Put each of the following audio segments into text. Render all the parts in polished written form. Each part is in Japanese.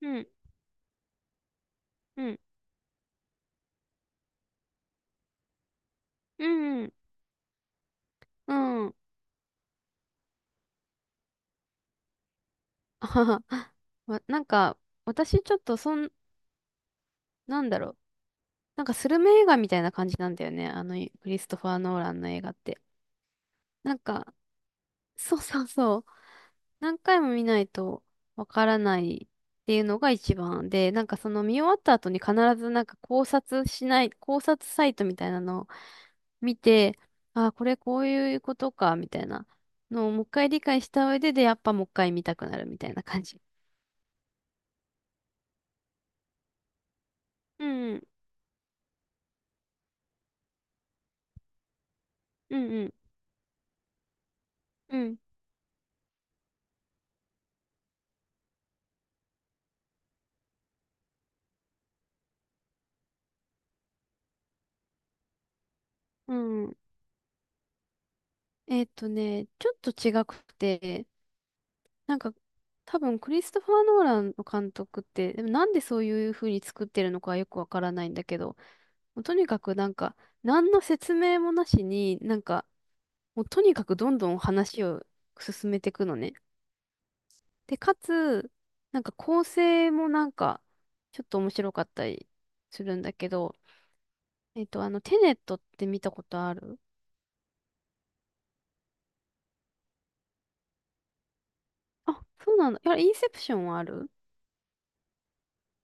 うん、うん、うん、うん。あははわなんか、私ちょっとそん、なんだろう。なんかスルメ映画みたいな感じなんだよね。クリストファー・ノーランの映画って。なんか、そうそうそう。何回も見ないとわからないっていうのが一番で、なんかその見終わった後に必ずなんか考察しない、考察サイトみたいなのを見て、ああ、これこういうことか、みたいなのをもう一回理解した上で、やっぱもう一回見たくなるみたいな感じ。うん、うん、うん、うん、うん。ちょっと違くて、なんか、多分クリストファー・ノーランの監督って、でもなんでそういう風に作ってるのかはよくわからないんだけど、もうとにかくなんか、何の説明もなしに、もうとにかくどんどん話を進めていくのね。で、かつ、なんか構成もちょっと面白かったりするんだけど、テネットって見たことある？あ、そうなんだ。いや、インセプションはある？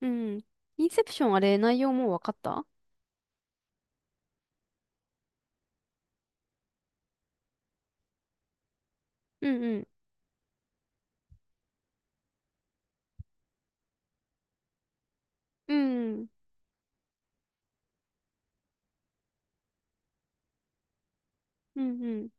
うん。インセプションあれ、内容もうわかった？うんうん。うんうん。うんうん。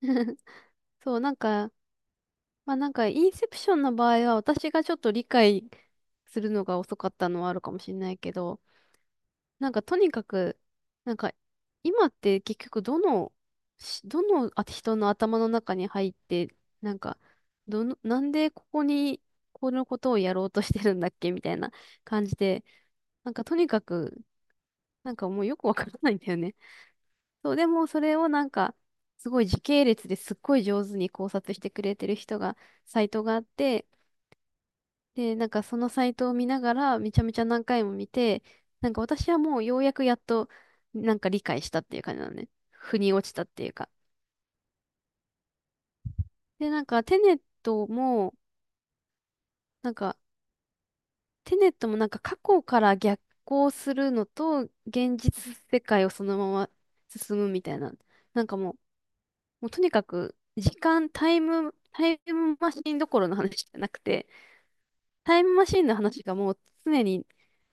そう、なんか、インセプションの場合は、私がちょっと理解するのが遅かったのはあるかもしれないけど、とにかく、なんか、今って結局、どの人の頭の中に入って、なんか、なんでここにこのことをやろうとしてるんだっけみたいな感じで、なんかとにかくもうよくわからないんだよね。そう、でもそれをすごい時系列ですっごい上手に考察してくれてる人が、サイトがあって、で、なんかそのサイトを見ながら、めちゃめちゃ何回も見て、なんか私はもうようやくやっと、なんか理解したっていう感じなのね。腑に落ちたっていうか。で、なんか、テネットもなんか過去から逆行するのと、現実世界をそのまま進むみたいな。なんかもう、もうとにかく、時間、タイム、タイムマシンどころの話じゃなくて、タイムマシンの話がもう常に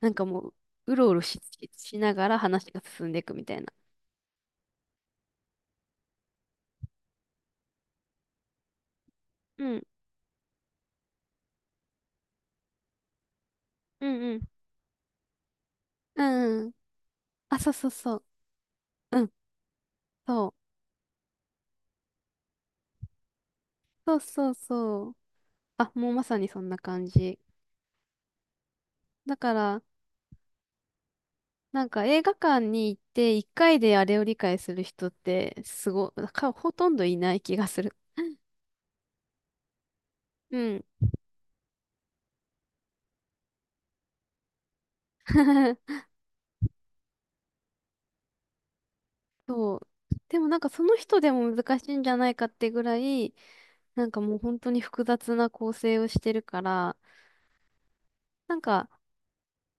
なんかもう、うろうろし、しながら話が進んでいくみたいな。うん、うん、うん。うんうん。あ、そうそうそう。うん、そう。そうそうそう。あ、もうまさにそんな感じ。だから、なんか映画館に行って一回であれを理解する人ってすご、か、ほとんどいない気がする。うん。そう。でもなんかその人でも難しいんじゃないかってぐらい、なんかもう本当に複雑な構成をしてるから、なんか、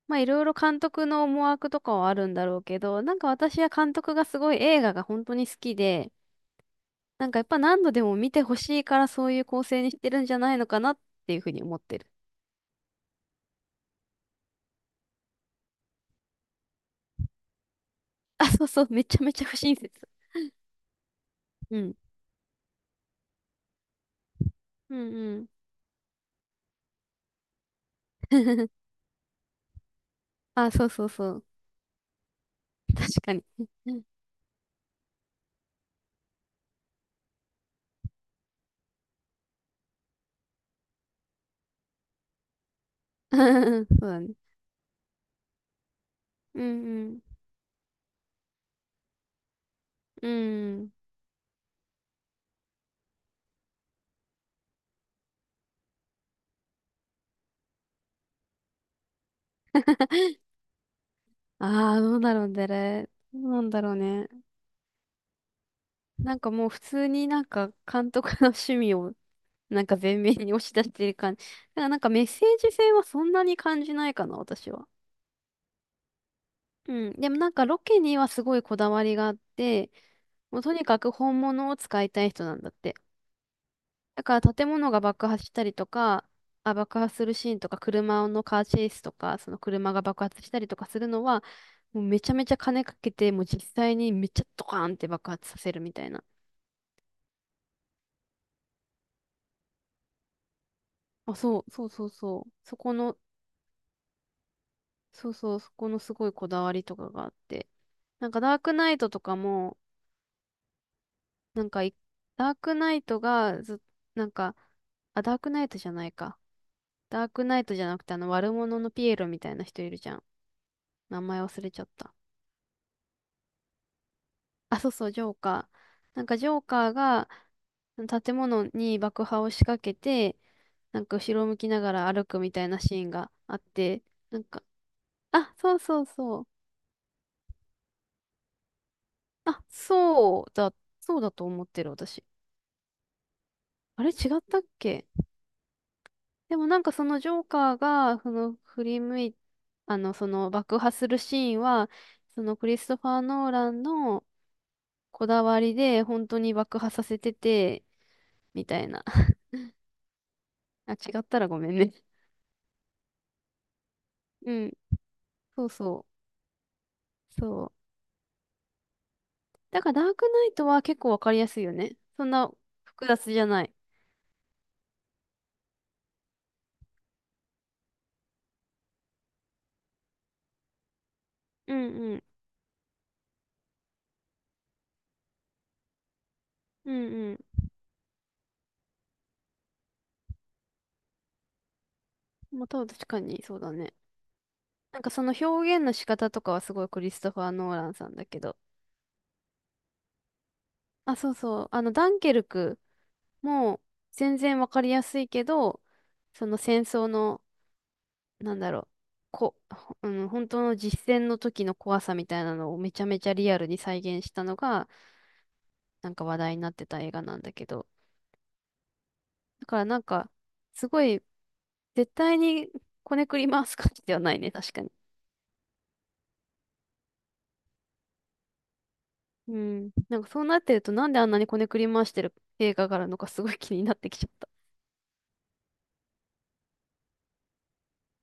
まあいろいろ監督の思惑とかはあるんだろうけど、なんか私は監督がすごい映画が本当に好きで、なんかやっぱ何度でも見てほしいからそういう構成にしてるんじゃないのかなっていうふうに思ってる。あ、そうそう、めちゃめちゃ不親切。うん。うんうん。あ、そうそうそう。確かに。うん、そうだね。うんうん。うん。ああ、どうだろうね。どうなんだろうね。なんかもう普通になんか監督の趣味をなんか前面に押し出してる感じ。だからなんかメッセージ性はそんなに感じないかな、私は。うん。でもなんかロケにはすごいこだわりがあって、もうとにかく本物を使いたい人なんだって。だから建物が爆破したりとか、あ、爆破するシーンとか、車のカーチェイスとか、その車が爆発したりとかするのは、もうめちゃめちゃ金かけて、もう実際にめっちゃドカーンって爆発させるみたいな。あ、そう、そうそうそう。そこの、そうそう、そこのすごいこだわりとかがあって。なんかダークナイトとかも、なんかい、ダークナイトがず、なんか、あ、ダークナイトじゃないか。ダークナイトじゃなくて、あの悪者のピエロみたいな人いるじゃん。名前忘れちゃった。あ、そうそう、ジョーカー。なんかジョーカーが建物に爆破を仕掛けて、なんか後ろを向きながら歩くみたいなシーンがあって、なんか、あ、そうそうそう。あ、そうだ、そうだと思ってる私。あれ違ったっけ？でもなんかそのジョーカーが、その振り向い、あの、その爆破するシーンは、そのクリストファー・ノーランのこだわりで本当に爆破させてて、みたいな。あ、違ったらごめんね。うん。そうそう。そう。だからダークナイトは結構わかりやすいよね。そんな複雑じゃない。うんうん。うんうん。まあ、多分確かにそうだね。なんかその表現の仕方とかはすごいクリストファー・ノーランさんだけど。あ、そうそう。ダンケルクも全然わかりやすいけど、その戦争の、なんだろう。こ、ほうん、本当の実戦の時の怖さみたいなのをめちゃめちゃリアルに再現したのが、なんか話題になってた映画なんだけど。だからなんか、すごい絶対にこねくり回す感じではないね、確かに。うん。なんかそうなってると、なんであんなにこねくり回してる映画があるのかすごい気になってきちゃった。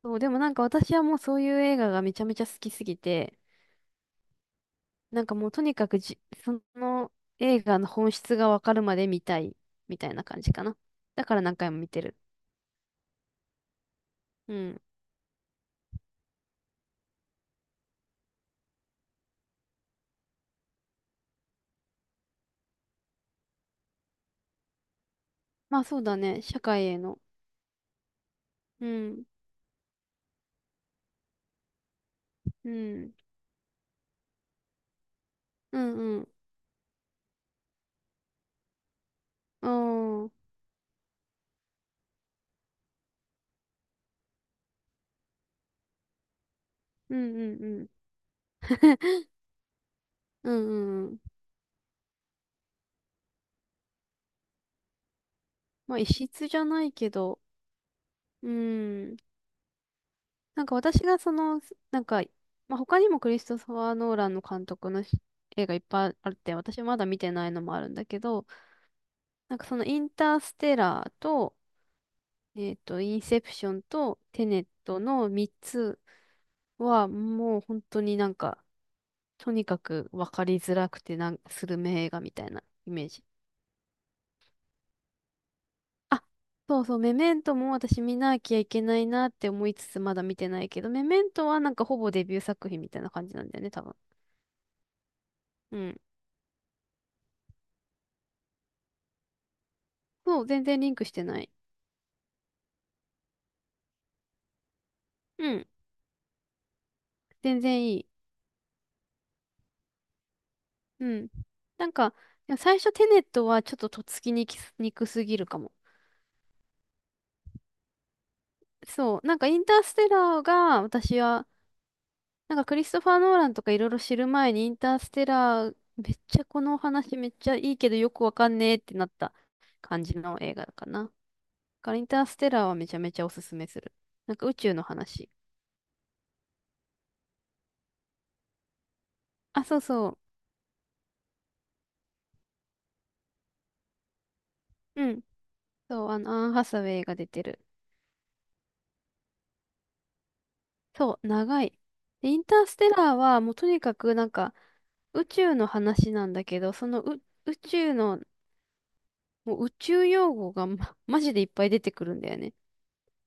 そう、でもなんか私はもうそういう映画がめちゃめちゃ好きすぎて、なんかもうとにかくじ、その映画の本質がわかるまで見たい、みたいな感じかな。だから何回も見てる。うん。まあそうだね、社会への。うん、うん、うん、うん、ああ、うん、うん、うん。うん、うん。うん。まあ、異質じゃないけど、うん。なんか私がその、なんか、まあ、他にもクリストファー・ノーランの監督の映画いっぱいあって、私まだ見てないのもあるんだけど、なんかそのインターステラーと、えっと、インセプションとテネットの3つはもう本当になんか、とにかく分かりづらくてスル映画みたいなイメージ。あ、そうそう、メメントも私見なきゃいけないなって思いつつまだ見てないけど、メメントはなんかほぼデビュー作品みたいな感じなんだよね、多分。うん。そう、全然リンクしてない。うん。全然いい。うん。なんか、いや最初テネットはちょっととっつきにくすぎるかも。そう。なんかインターステラーが私は、なんかクリストファー・ノーランとかいろいろ知る前にインターステラーめっちゃこのお話めっちゃいいけどよくわかんねえってなった感じの映画かな。だからインターステラーはめちゃめちゃおすすめする。なんか宇宙の話。あ、そうそう。うん。そう、あの、アン・ハサウェイが出てる。そう、長い。で、インターステラーはもうとにかくなんか宇宙の話なんだけど、そのう宇宙の、もう宇宙用語がマジでいっぱい出てくるんだよね。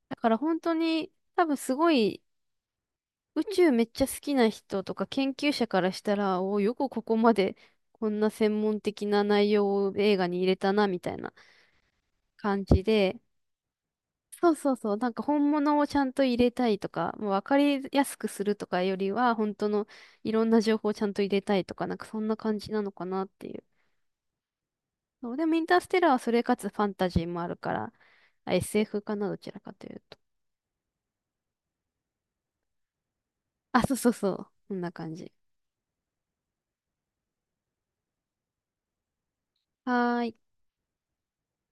だから本当に多分すごい宇宙めっちゃ好きな人とか研究者からしたら、およくここまでこんな専門的な内容を映画に入れたなみたいな感じで、そうそうそう。なんか本物をちゃんと入れたいとか、もう分かりやすくするとかよりは、本当のいろんな情報をちゃんと入れたいとか、なんかそんな感じなのかなっていう。そう、でもインターステラーはそれかつファンタジーもあるから、あ、 SF かな、どちらかというと。あ、そうそうそう。こんな感じ。はーい。